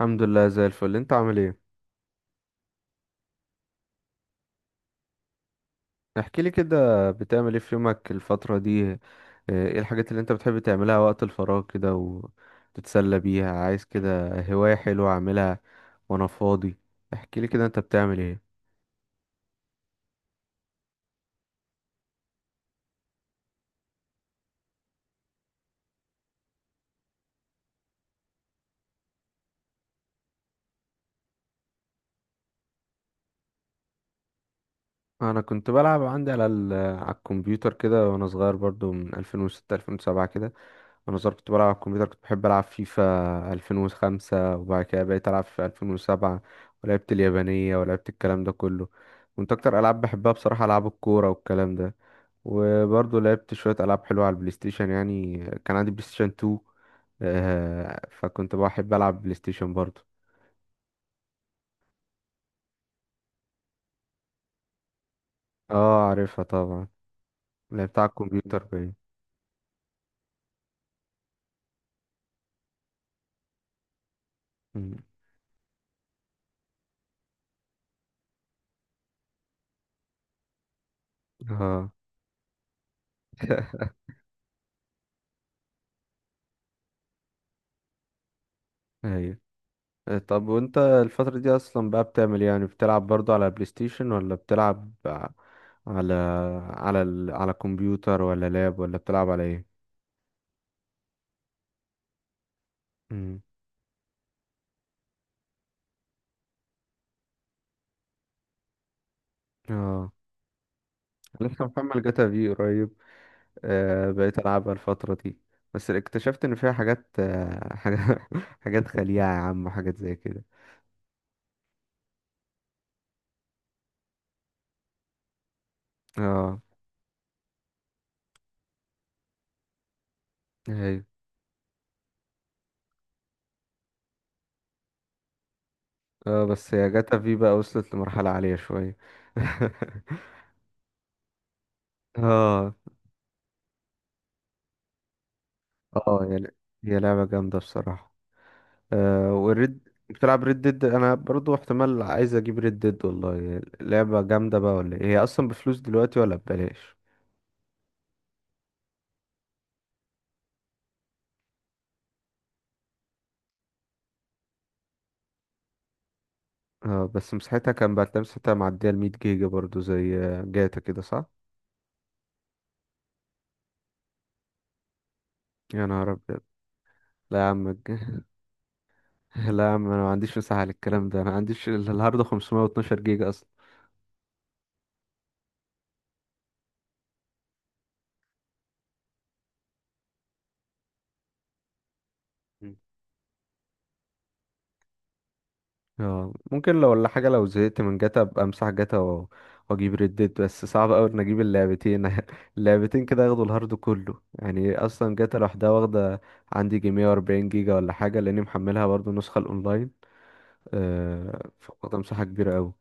الحمد لله زي الفل، انت عامل ايه؟ احكي لي كده بتعمل ايه في يومك الفترة دي ايه الحاجات اللي انت بتحب تعملها وقت الفراغ كده وتتسلى بيها؟ عايز كده هواية حلوة اعملها وانا فاضي. احكي لي كده انت بتعمل ايه؟ انا كنت بلعب عندي على على الكمبيوتر كده وانا صغير برضو من 2006 2007 كده. وانا صغير كنت بلعب على الكمبيوتر، كنت بحب العب فيفا 2005، وبعد كده بقيت العب في 2007. ولعبت اليابانية ولعبت الكلام ده كله. كنت اكتر العاب بحبها بصراحة العاب الكورة والكلام ده. وبرضه لعبت شوية العاب حلوة على البلاي ستيشن يعني. كان عندي بلاي ستيشن 2. فكنت بحب العب بلاي ستيشن برضه. اه، عارفها طبعا. لعبتها على الكمبيوتر باين. مم. اه. ايوه. طب وانت الفترة دي اصلا بقى بتعمل إيه؟ يعني بتلعب برضو على بلاي ستيشن ولا بتلعب على على على كمبيوتر ولا لاب ولا بتلعب على ايه؟ مم. اه. لسه محمل جاتا في قريب. بقيت العبها الفترة دي. بس اكتشفت ان فيها حاجات حاجات خليعة يا عم، وحاجات زي كده. اه. ايوه. اه، بس يا جاتا في بقى وصلت لمرحلة عالية شوية. اه. اه هي لعبة جامدة بصراحة. والريد، بتلعب ريد ديد؟ انا برضو احتمال عايز اجيب ريد ديد، والله لعبة جامدة بقى ولا إيه؟ هي اصلا بفلوس دلوقتي ولا ببلاش؟ اه، بس مساحتها كان بعد مساحتها معدية ال 100 جيجا برضو، زي جاتا كده صح؟ يا نهار ابيض. لا يا عم لا يا عم، انا ما عنديش مساحة للكلام ده، انا ما عنديش الهارد 512 جيجا اصلا. اه، ممكن لو ولا حاجة لو زهقت من جاتا ابقى امسح جاتا واجيب ريدت، بس صعب اوي ان اجيب اللعبتين. اللعبتين كده ياخدوا الهارد كله، يعني اصلا جاتا لوحدها واخدة عندي جي 140 جيجا ولا حاجة، لاني محملها برضو النسخة الاونلاين. فاخدة مساحة كبيرة اوي.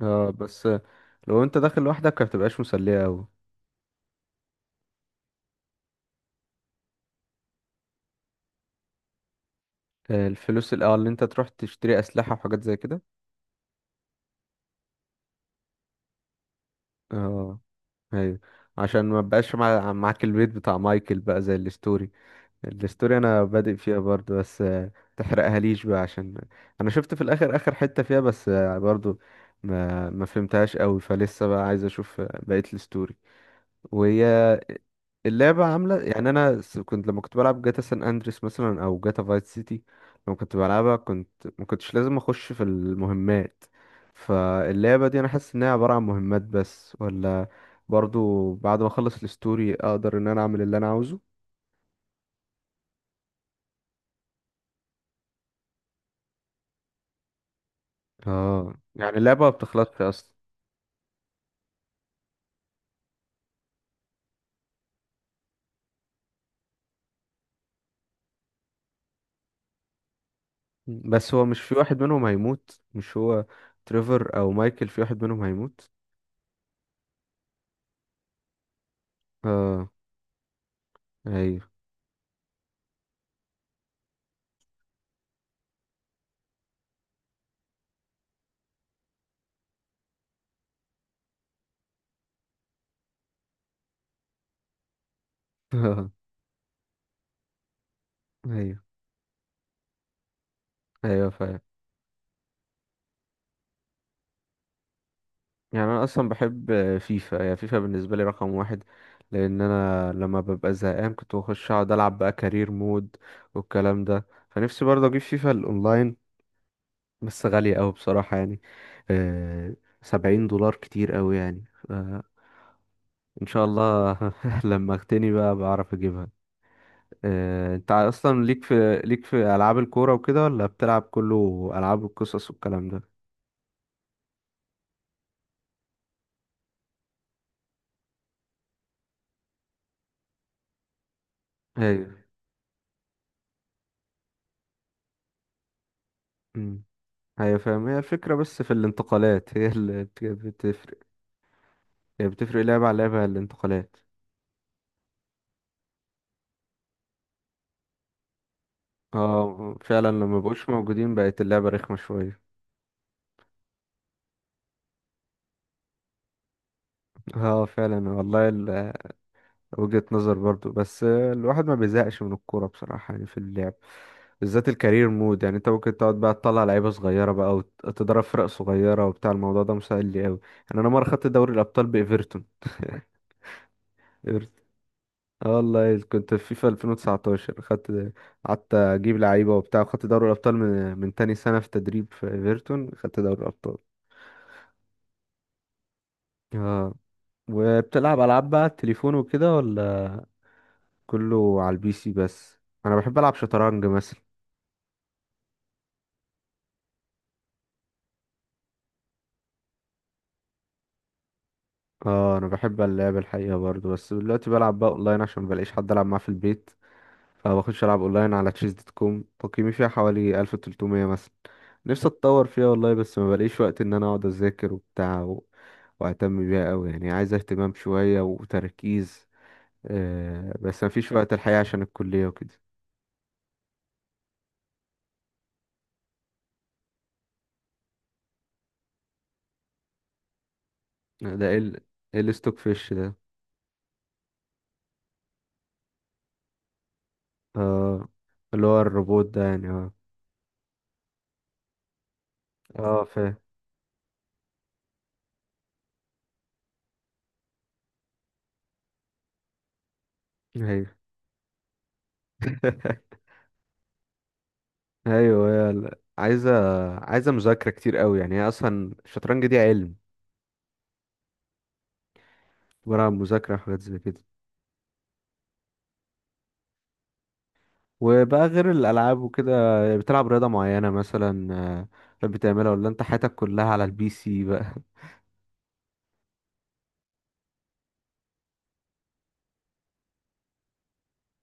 اه، بس لو انت داخل لوحدك ما بتبقاش مسلية اوي. الفلوس الاول اللي انت تروح تشتري اسلحة وحاجات زي كده. اه. ايوه. عشان ما بقاش معاك البيت بتاع مايكل بقى، زي الستوري. الستوري انا بادئ فيها برضو بس تحرقها ليش بقى؟ عشان انا شفت في الاخر اخر حتة فيها، بس برضو ما فهمتهاش قوي، فلسه بقى عايز اشوف بقية الستوري. وهي اللعبة عاملة يعني انا س- كنت لما كنت بلعب جاتا سان اندريس مثلا او جاتا فايت سيتي، لما كنت بلعبها كنت ما كنتش لازم اخش في المهمات. فاللعبة دي انا حاسس انها عبارة عن مهمات بس، ولا برضو بعد ما اخلص الستوري اقدر ان انا اعمل اللي انا عاوزه؟ اه، يعني اللعبة ما بتخلصش اصلا؟ بس هو مش في واحد منهم هيموت؟ مش هو تريفر او مايكل، في واحد منهم هيموت؟ اه. ايوه. ايوه. ايوه فاهم. يعني انا اصلا بحب فيفا. هي فيفا بالنسبه لي رقم واحد، لان انا لما ببقى زهقان كنت بخش اقعد العب بقى كارير مود والكلام ده. فنفسي برضه اجيب فيفا الاونلاين، بس غاليه أوي بصراحه يعني. آه سبعين دولار كتير أوي يعني. آه ان شاء الله. لما اغتني بقى بعرف اجيبها. انت اصلا ليك في العاب الكوره وكده، ولا بتلعب كله العاب القصص والكلام ده؟ هي، مم. هي فاهم، هي الفكره بس في الانتقالات. هي اللي بتفرق. هي بتفرق لعبه على لعبه، الانتقالات. اه فعلا، لما بقوش موجودين بقت اللعبه رخمه شويه. اه فعلا والله. وجهة نظر برضو، بس الواحد ما بيزهقش من الكورة بصراحة يعني في اللعب بالذات الكارير مود. يعني انت ممكن تقعد بقى تطلع لعيبة صغيرة بقى وتضرب فرق صغيرة وبتاع، الموضوع ده مسهل لي قوي. يعني انا مرة خدت دوري الابطال بايفرتون. ايفرتون. اه والله كنت في فيفا 2019، خدت قعدت اجيب لعيبة وبتاع، وخدت دوري الابطال من تاني سنة في تدريب في ايفرتون، خدت دوري الابطال. اه. وبتلعب العاب بقى على التليفون وكده ولا كله على البي سي بس؟ انا بحب العب شطرنج مثلا. اه، انا بحب اللعب الحقيقه برضو، بس دلوقتي بلعب بقى اونلاين عشان مبلاقيش حد العب معاه في البيت. فبخش العب اونلاين على تشيز دوت كوم، تقييمي فيها حوالي 1300 مثلا. نفسي اتطور فيها والله، بس مبلاقيش وقت ان انا اقعد اذاكر وبتاع واهتم بيها قوي. يعني عايز اهتمام شويه وتركيز، بس مفيش وقت الحقيقه عشان الكليه وكده. ده ايه ايه الستوك فيش ده؟ اه، اللي هو الروبوت ده يعني، اه. اه، فاهم. ايوه. ايوه، هي عايزه مذاكره كتير قوي. يعني هي اصلا الشطرنج دي علم، عباره عن مذاكره وحاجات زي كده. وبقى غير الالعاب وكده، بتلعب رياضه معينه مثلا بتحب تعملها؟ ولا انت حياتك كلها على البي سي بقى؟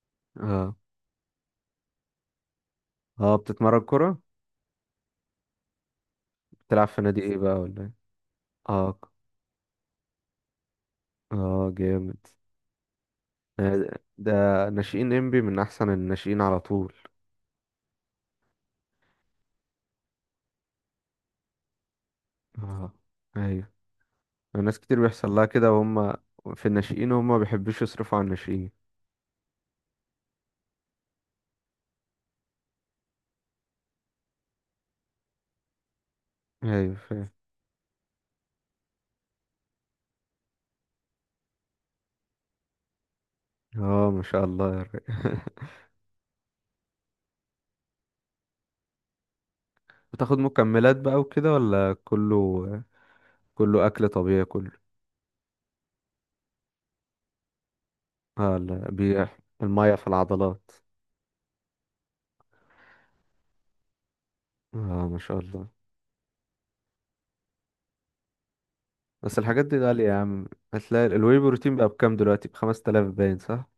اه. اه بتتمرن كوره؟ بتلعب في نادي ايه بقى ولا إيه؟ اه اه جامد. آه، ده ناشئين انبي من احسن الناشئين على طول. اه ايوه. ناس كتير بيحصل لها كده وهم في الناشئين، وهم ما بيحبوش يصرفوا على الناشئين. ايوه. اه، ما شاء الله يا ري. بتاخد مكملات بقى وكده ولا كله كله اكل طبيعي كله؟ اه، لا بيح الميه في العضلات. اه، ما شاء الله. بس الحاجات دي غالية يا عم، هتلاقي الواي بروتين بقى بكام دلوقتي؟ ب 5000 باين، صح؟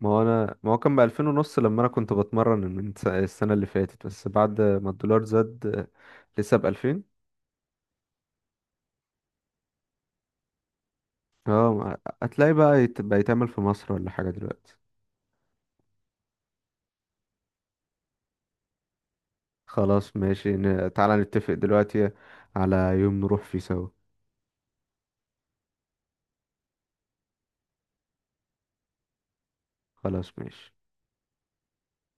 ما هو كان ب 2000 ونص لما انا كنت بتمرن من السنة اللي فاتت، بس بعد ما الدولار زاد لسه ب 2000. اه هتلاقي بقى يتعمل في مصر ولا حاجة دلوقتي؟ خلاص ماشي تعالى نتفق دلوقتي على يوم نروح فيه سوا. خلاص ماشي.